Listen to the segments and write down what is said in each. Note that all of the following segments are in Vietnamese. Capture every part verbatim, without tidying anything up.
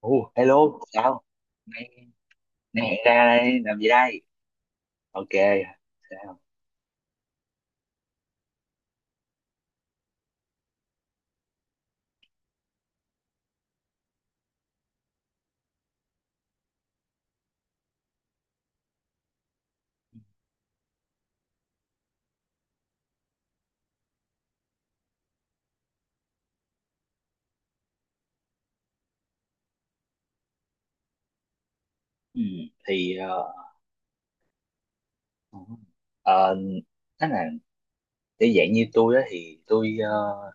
Ồ, hello, sao? Nay, nay hẹn ra đây, làm gì đây? Ok, sao? Ừ, thì ờ, ờ, nói là để dạng như tôi á thì tôi ờ,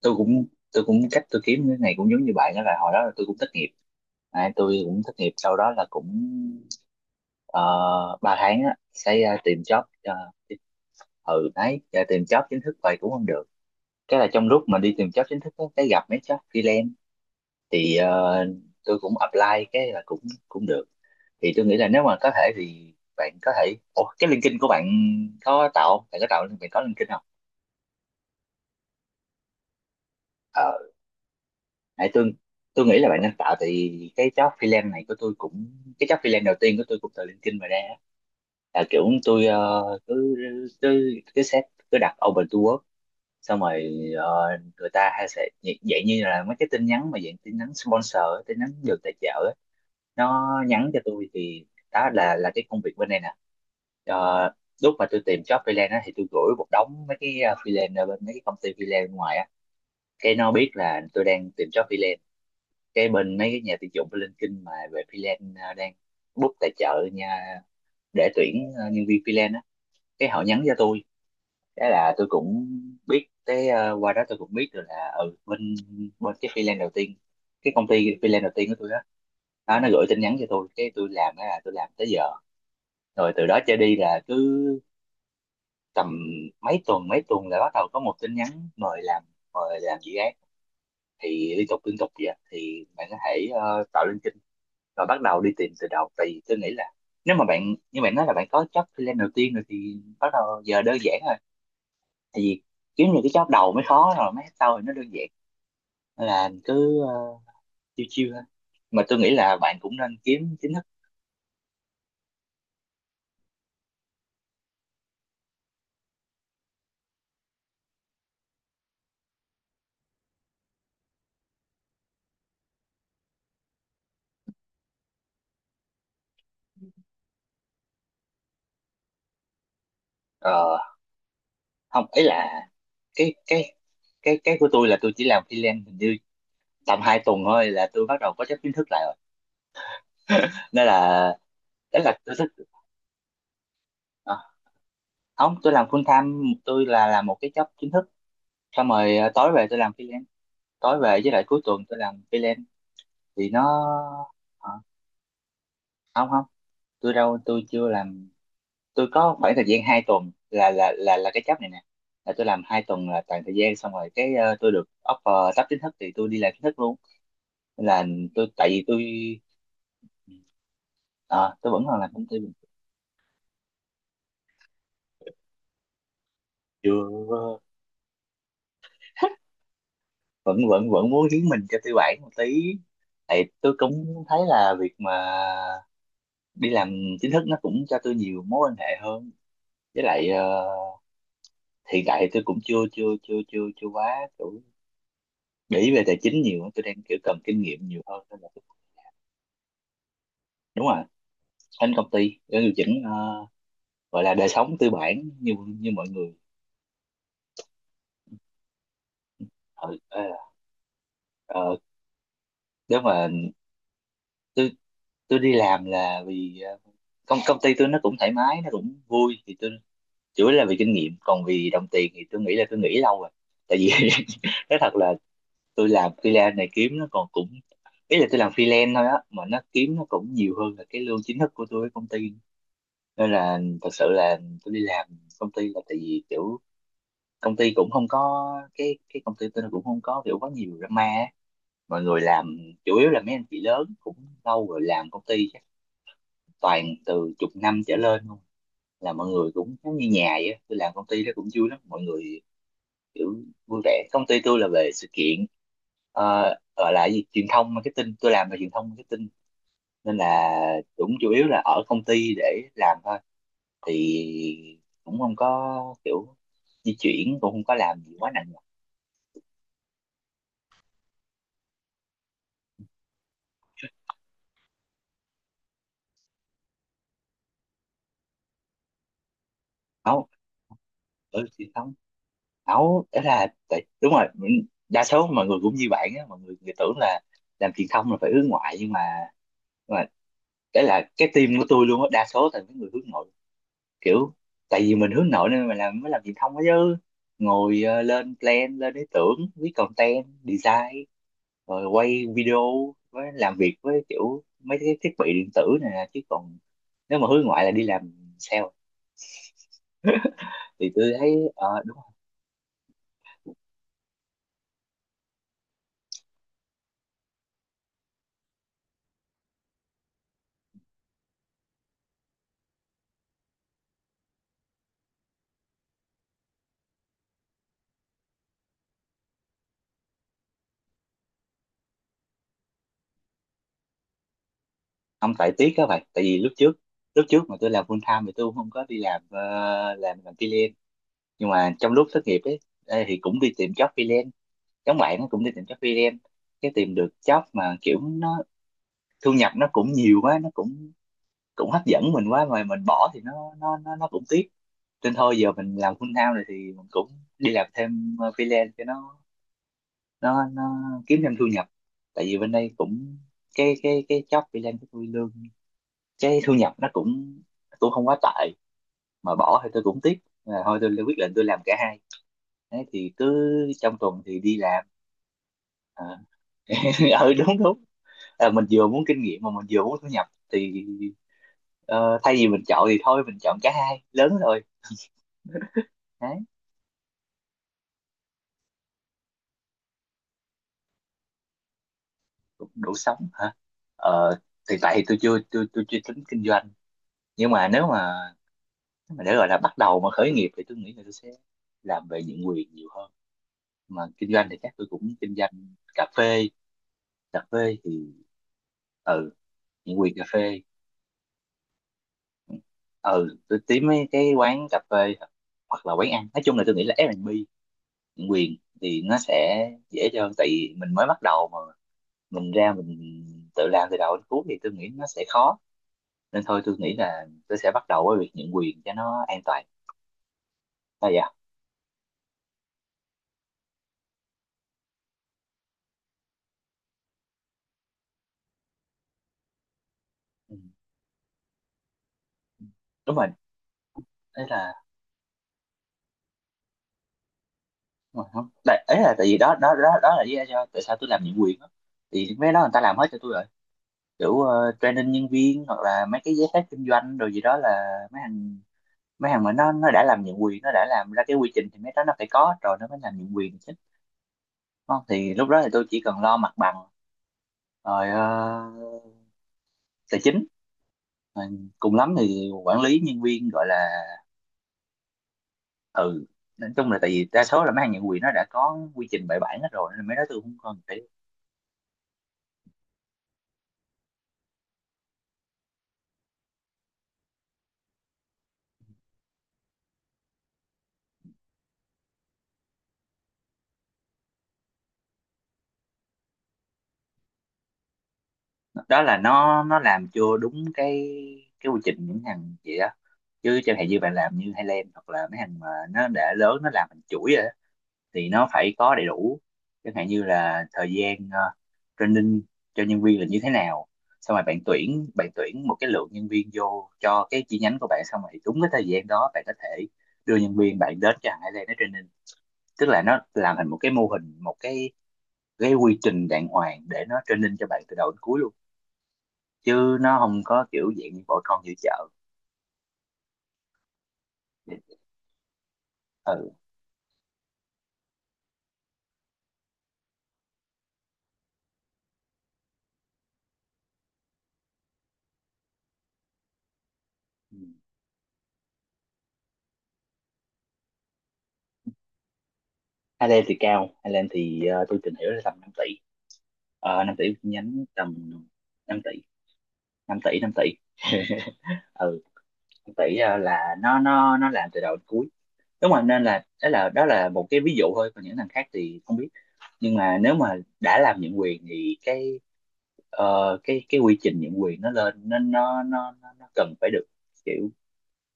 tôi cũng tôi cũng cách tôi kiếm cái này cũng giống như bạn, đó là hồi đó là tôi cũng thất nghiệp. À, tôi cũng thất nghiệp sau đó là cũng uh, ba tháng á, sẽ ờ, tìm job. ờ, ừ đấy, giờ tìm job chính thức vậy cũng không được. Cái là trong lúc mà đi tìm job chính thức á, cái gặp mấy job freelance thì ờ, tôi cũng apply, cái là cũng cũng được. Thì tôi nghĩ là nếu mà có thể thì bạn có thể Ủa, cái LinkedIn của bạn có tạo không? Bạn có tạo bạn có LinkedIn không? ờ nãy tôi tôi nghĩ là bạn nên tạo, thì cái job freelance này của tôi cũng cái job freelance đầu tiên của tôi cũng từ LinkedIn mà ra á. Là kiểu tôi ờ, cứ cứ cứ set cứ đặt open to work, xong rồi ờ, người ta hay sẽ như- dạng như là mấy cái tin nhắn, mà dạng tin nhắn sponsor, tin nhắn được tài trợ, nó nhắn cho tôi. Thì đó là là cái công việc bên này nè. Ờ, lúc mà tôi tìm job freelance á, thì tôi gửi một đống mấy cái ờ, freelance ở bên mấy cái công ty freelance bên ngoài á, cái nó biết là tôi đang tìm job freelance. Cái bên mấy cái nhà tuyển dụng bên LinkedIn mà về freelance ờ, đang book tài trợ nha, để tuyển ờ, nhân viên freelance á, cái họ nhắn cho tôi. Cái là tôi cũng biết cái ờ, qua đó tôi cũng biết được là ừ, bên bên cái freelance đầu tiên, cái công ty freelance đầu tiên của tôi đó, đó nó gửi tin nhắn cho tôi, cái tôi làm đó là tôi làm tới giờ. Rồi từ đó trở đi là cứ tầm mấy tuần mấy tuần là bắt đầu có một tin nhắn mời làm, mời làm dự án, thì liên tục liên tục vậy. Thì bạn có thể ờ, tạo lên kênh và bắt đầu đi tìm từ đầu, tại vì tôi nghĩ là nếu mà bạn như bạn nói là bạn có job freelance đầu tiên rồi thì bắt đầu giờ đơn giản rồi. Tại vì kiếm những cái job đầu mới khó, rồi mấy sau thì nó đơn giản. Nên là cứ ờ, chill chiêu thôi, mà tôi nghĩ là bạn cũng nên kiếm chính thức. Ờ, không ấy là cái cái cái cái của tôi là tôi chỉ làm freelance hình như tầm hai tuần thôi, là tôi bắt đầu có job chính thức lại rồi, nên là đấy là tôi thích. À, không tôi làm full time, tôi là làm một cái job chính thức xong rồi à, tối về tôi làm freelance, tối về với lại cuối tuần tôi làm freelance. Thì nó à, không không, tôi đâu tôi chưa làm. Tôi có khoảng thời gian hai tuần là là là là cái job này nè, là tôi làm hai tuần là toàn thời gian, xong rồi cái ờ, tôi được offer sắp chính thức thì tôi đi làm chính thức luôn, nên là tôi tại vì tôi à, tôi vẫn còn làm công ty bình thường. Chưa, vẫn vẫn vẫn muốn hiến mình cho tư bản một tí. Thì tôi cũng thấy là việc mà đi làm chính thức nó cũng cho tôi nhiều mối quan hệ hơn, với lại ờ, hiện tại thì tôi cũng chưa chưa chưa chưa chưa quá kiểu để ý về tài chính nhiều á. Tôi đang kiểu cần kinh nghiệm nhiều hơn nên là tôi- đúng rồi, anh công ty để điều chỉnh ờ, gọi là đời sống tư bản, như như mọi người. ừ, ờ, ờ, Nếu mà tôi tôi đi làm là vì ờ, công công ty tôi nó cũng thoải mái, nó cũng vui, thì tôi chủ yếu là vì kinh nghiệm, còn vì đồng tiền thì tôi nghĩ là tôi nghĩ lâu rồi. Tại vì nói thật là tôi làm freelance này kiếm nó còn cũng, ý là tôi làm freelance thôi á, mà nó kiếm nó cũng nhiều hơn là cái lương chính thức của tôi với công ty. Nên là thật sự là tôi đi làm công ty là tại vì kiểu công ty cũng không có cái cái công ty tôi nó cũng không có kiểu quá nhiều drama á. Mọi người làm chủ yếu là mấy anh chị lớn cũng lâu rồi, làm công ty chắc toàn từ chục năm trở lên luôn, là mọi người cũng giống như nhà vậy á. Tôi làm công ty đó cũng vui lắm, mọi người kiểu vui vẻ. Công ty tôi là về sự kiện ờ, gọi là gì, truyền thông marketing, tôi làm về truyền thông marketing. Nên là cũng chủ yếu là ở công ty để làm thôi, thì cũng không có kiểu di chuyển, cũng không có làm gì quá nặng nhọc. Nấu ở truyền thông, nấu đó là tại- đúng rồi, mình- đa số mọi người cũng như bạn á, mọi người, người tưởng là làm truyền thông là phải hướng ngoại, nhưng mà nhưng mà đấy là cái team của tôi luôn á, đa số là những người hướng nội. Kiểu tại vì mình hướng nội nên mình làm mới làm truyền thông đó chứ, ngồi ờ, lên plan lên ý tưởng, viết content, design rồi quay video, với làm việc với kiểu mấy cái thiết bị điện tử này nè. Chứ còn nếu mà hướng ngoại là đi làm sale, thì tôi thấy ờ, đúng. Không phải tiếc các bạn, tại vì lúc trước lúc trước mà tôi làm full time thì tôi không có đi làm ờ, làm làm freelance. Nhưng mà trong lúc thất nghiệp ấy, ê, thì cũng đi tìm job freelance, giống bạn, nó cũng đi tìm job freelance. Cái tìm được job mà kiểu nó thu nhập nó cũng nhiều quá, nó cũng cũng hấp dẫn mình quá, mà mình bỏ thì nó nó nó nó cũng tiếc. Nên thôi giờ mình làm full time rồi thì mình cũng đi làm thêm ờ, freelance cho nó nó nó kiếm thêm thu nhập. Tại vì bên đây cũng cái cái cái job freelance của tôi lương, cái thu nhập nó cũng cũng không quá tệ, mà bỏ thì tôi cũng tiếc. Là thôi tôi quyết định tôi làm cả hai. Đấy, thì cứ trong tuần thì đi làm à. Ừ đúng đúng. À, mình vừa muốn kinh nghiệm mà mình vừa muốn thu nhập thì ờ, thay vì mình chọn thì thôi mình chọn cả hai lớn rồi. Đấy, cũng đủ sống hả. Ờ, thì tại thì tôi chưa tôi tôi chưa tính kinh doanh. Nhưng mà nếu mà nếu mà để gọi là bắt đầu mà khởi nghiệp thì tôi nghĩ là tôi sẽ làm về nhượng quyền nhiều hơn, mà kinh doanh thì chắc tôi cũng kinh doanh cà phê. Cà phê thì ừ, nhượng quyền cà phê. Ừ, tôi tìm mấy cái quán cà phê hoặc là quán ăn, nói chung là tôi nghĩ là ép en bê quyền thì nó sẽ dễ hơn, tại vì mình mới bắt đầu mà, mình ra mình tự làm từ đầu đến cuối thì tôi nghĩ nó sẽ khó. Nên thôi tôi nghĩ là tôi sẽ bắt đầu với việc nhận quyền cho nó an toàn, là dạ. Ừ. Đúng rồi. Đấy là đúng rồi, không tại ấy là tại vì đó đó đó đó là lý do tại sao tôi làm nhận quyền đó. Thì mấy cái đó người ta làm hết cho tôi rồi, kiểu ờ, training nhân viên hoặc là mấy cái giấy phép kinh doanh rồi gì đó. Là mấy thằng mấy thằng mà nó nó đã làm nhận quyền, nó đã làm ra cái quy trình, thì mấy đó nó phải có rồi nó mới làm nhận quyền. Không, thì lúc đó thì tôi chỉ cần lo mặt bằng rồi ờ, tài chính, rồi cùng lắm thì quản lý nhân viên gọi là. Ừ, nói chung là tại vì đa số là mấy hàng nhượng quyền nó đã có quy trình bài bản hết rồi nên mấy đó tôi không còn phải. Đó là nó nó làm chưa đúng cái cái quy trình những hàng vậy đó. Chứ chẳng hạn như bạn làm như Highland hoặc là mấy hàng mà nó đã lớn, nó làm thành chuỗi, thì nó phải có đầy đủ. Chẳng hạn như là thời gian ờ, training cho nhân viên là như thế nào, xong rồi bạn tuyển bạn tuyển một cái lượng nhân viên vô cho cái chi nhánh của bạn, xong rồi đúng cái thời gian đó bạn có thể đưa nhân viên bạn đến cho Ireland nó training. Tức là nó làm thành một cái mô hình, một cái cái quy trình đàng hoàng để nó training cho bạn từ đầu đến cuối luôn, chứ nó không có kiểu dạng như bỏ con giữa chợ. Ừ, Ireland thì cao, Ireland thì ờ, tôi tìm hiểu là tầm năm tỷ, uh, năm tỷ một chi nhánh, tầm năm tỷ năm tỷ Năm tỷ. Ừ, năm tỷ ờ, là nó nó nó làm từ đầu đến cuối. Đúng rồi, nên là đó là đó là một cái ví dụ thôi, còn những thằng khác thì không biết. Nhưng mà nếu mà đã làm nhượng quyền thì cái ờ, cái cái quy trình nhượng quyền nó lên nên nó nó nó, nó cần phải được kiểu,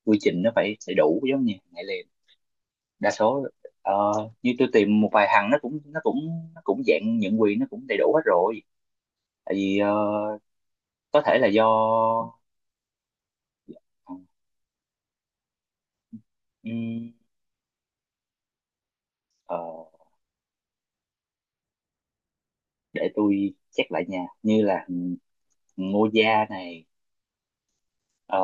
quy trình nó phải phải đủ giống như ngày liền. Đa số ờ, như tôi tìm một vài thằng nó cũng nó cũng nó cũng dạng nhượng quyền, nó cũng đầy đủ hết rồi. Tại vì ờ, có thể là do ờ, ừm, ờ, để tôi check lại nha, như là Ngô Gia này. ờ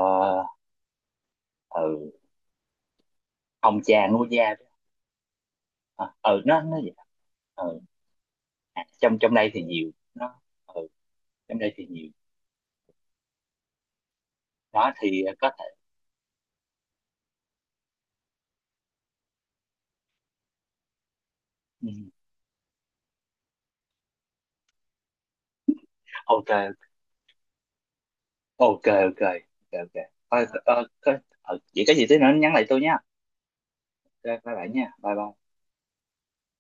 ừ, ông cha Ngô Gia đó. Ờ, ừ nó nó vậy. Ừ. À, trong trong đây thì nhiều nó. Ừ, trong đây thì nhiều. Đó thì có thể. Ừ, ok. Ok ok. Ok ok. Ờ, ờ, có- ờ, vậy có gì tí nữa nhắn lại tôi nha. Ok, bye bye nha, bye bye.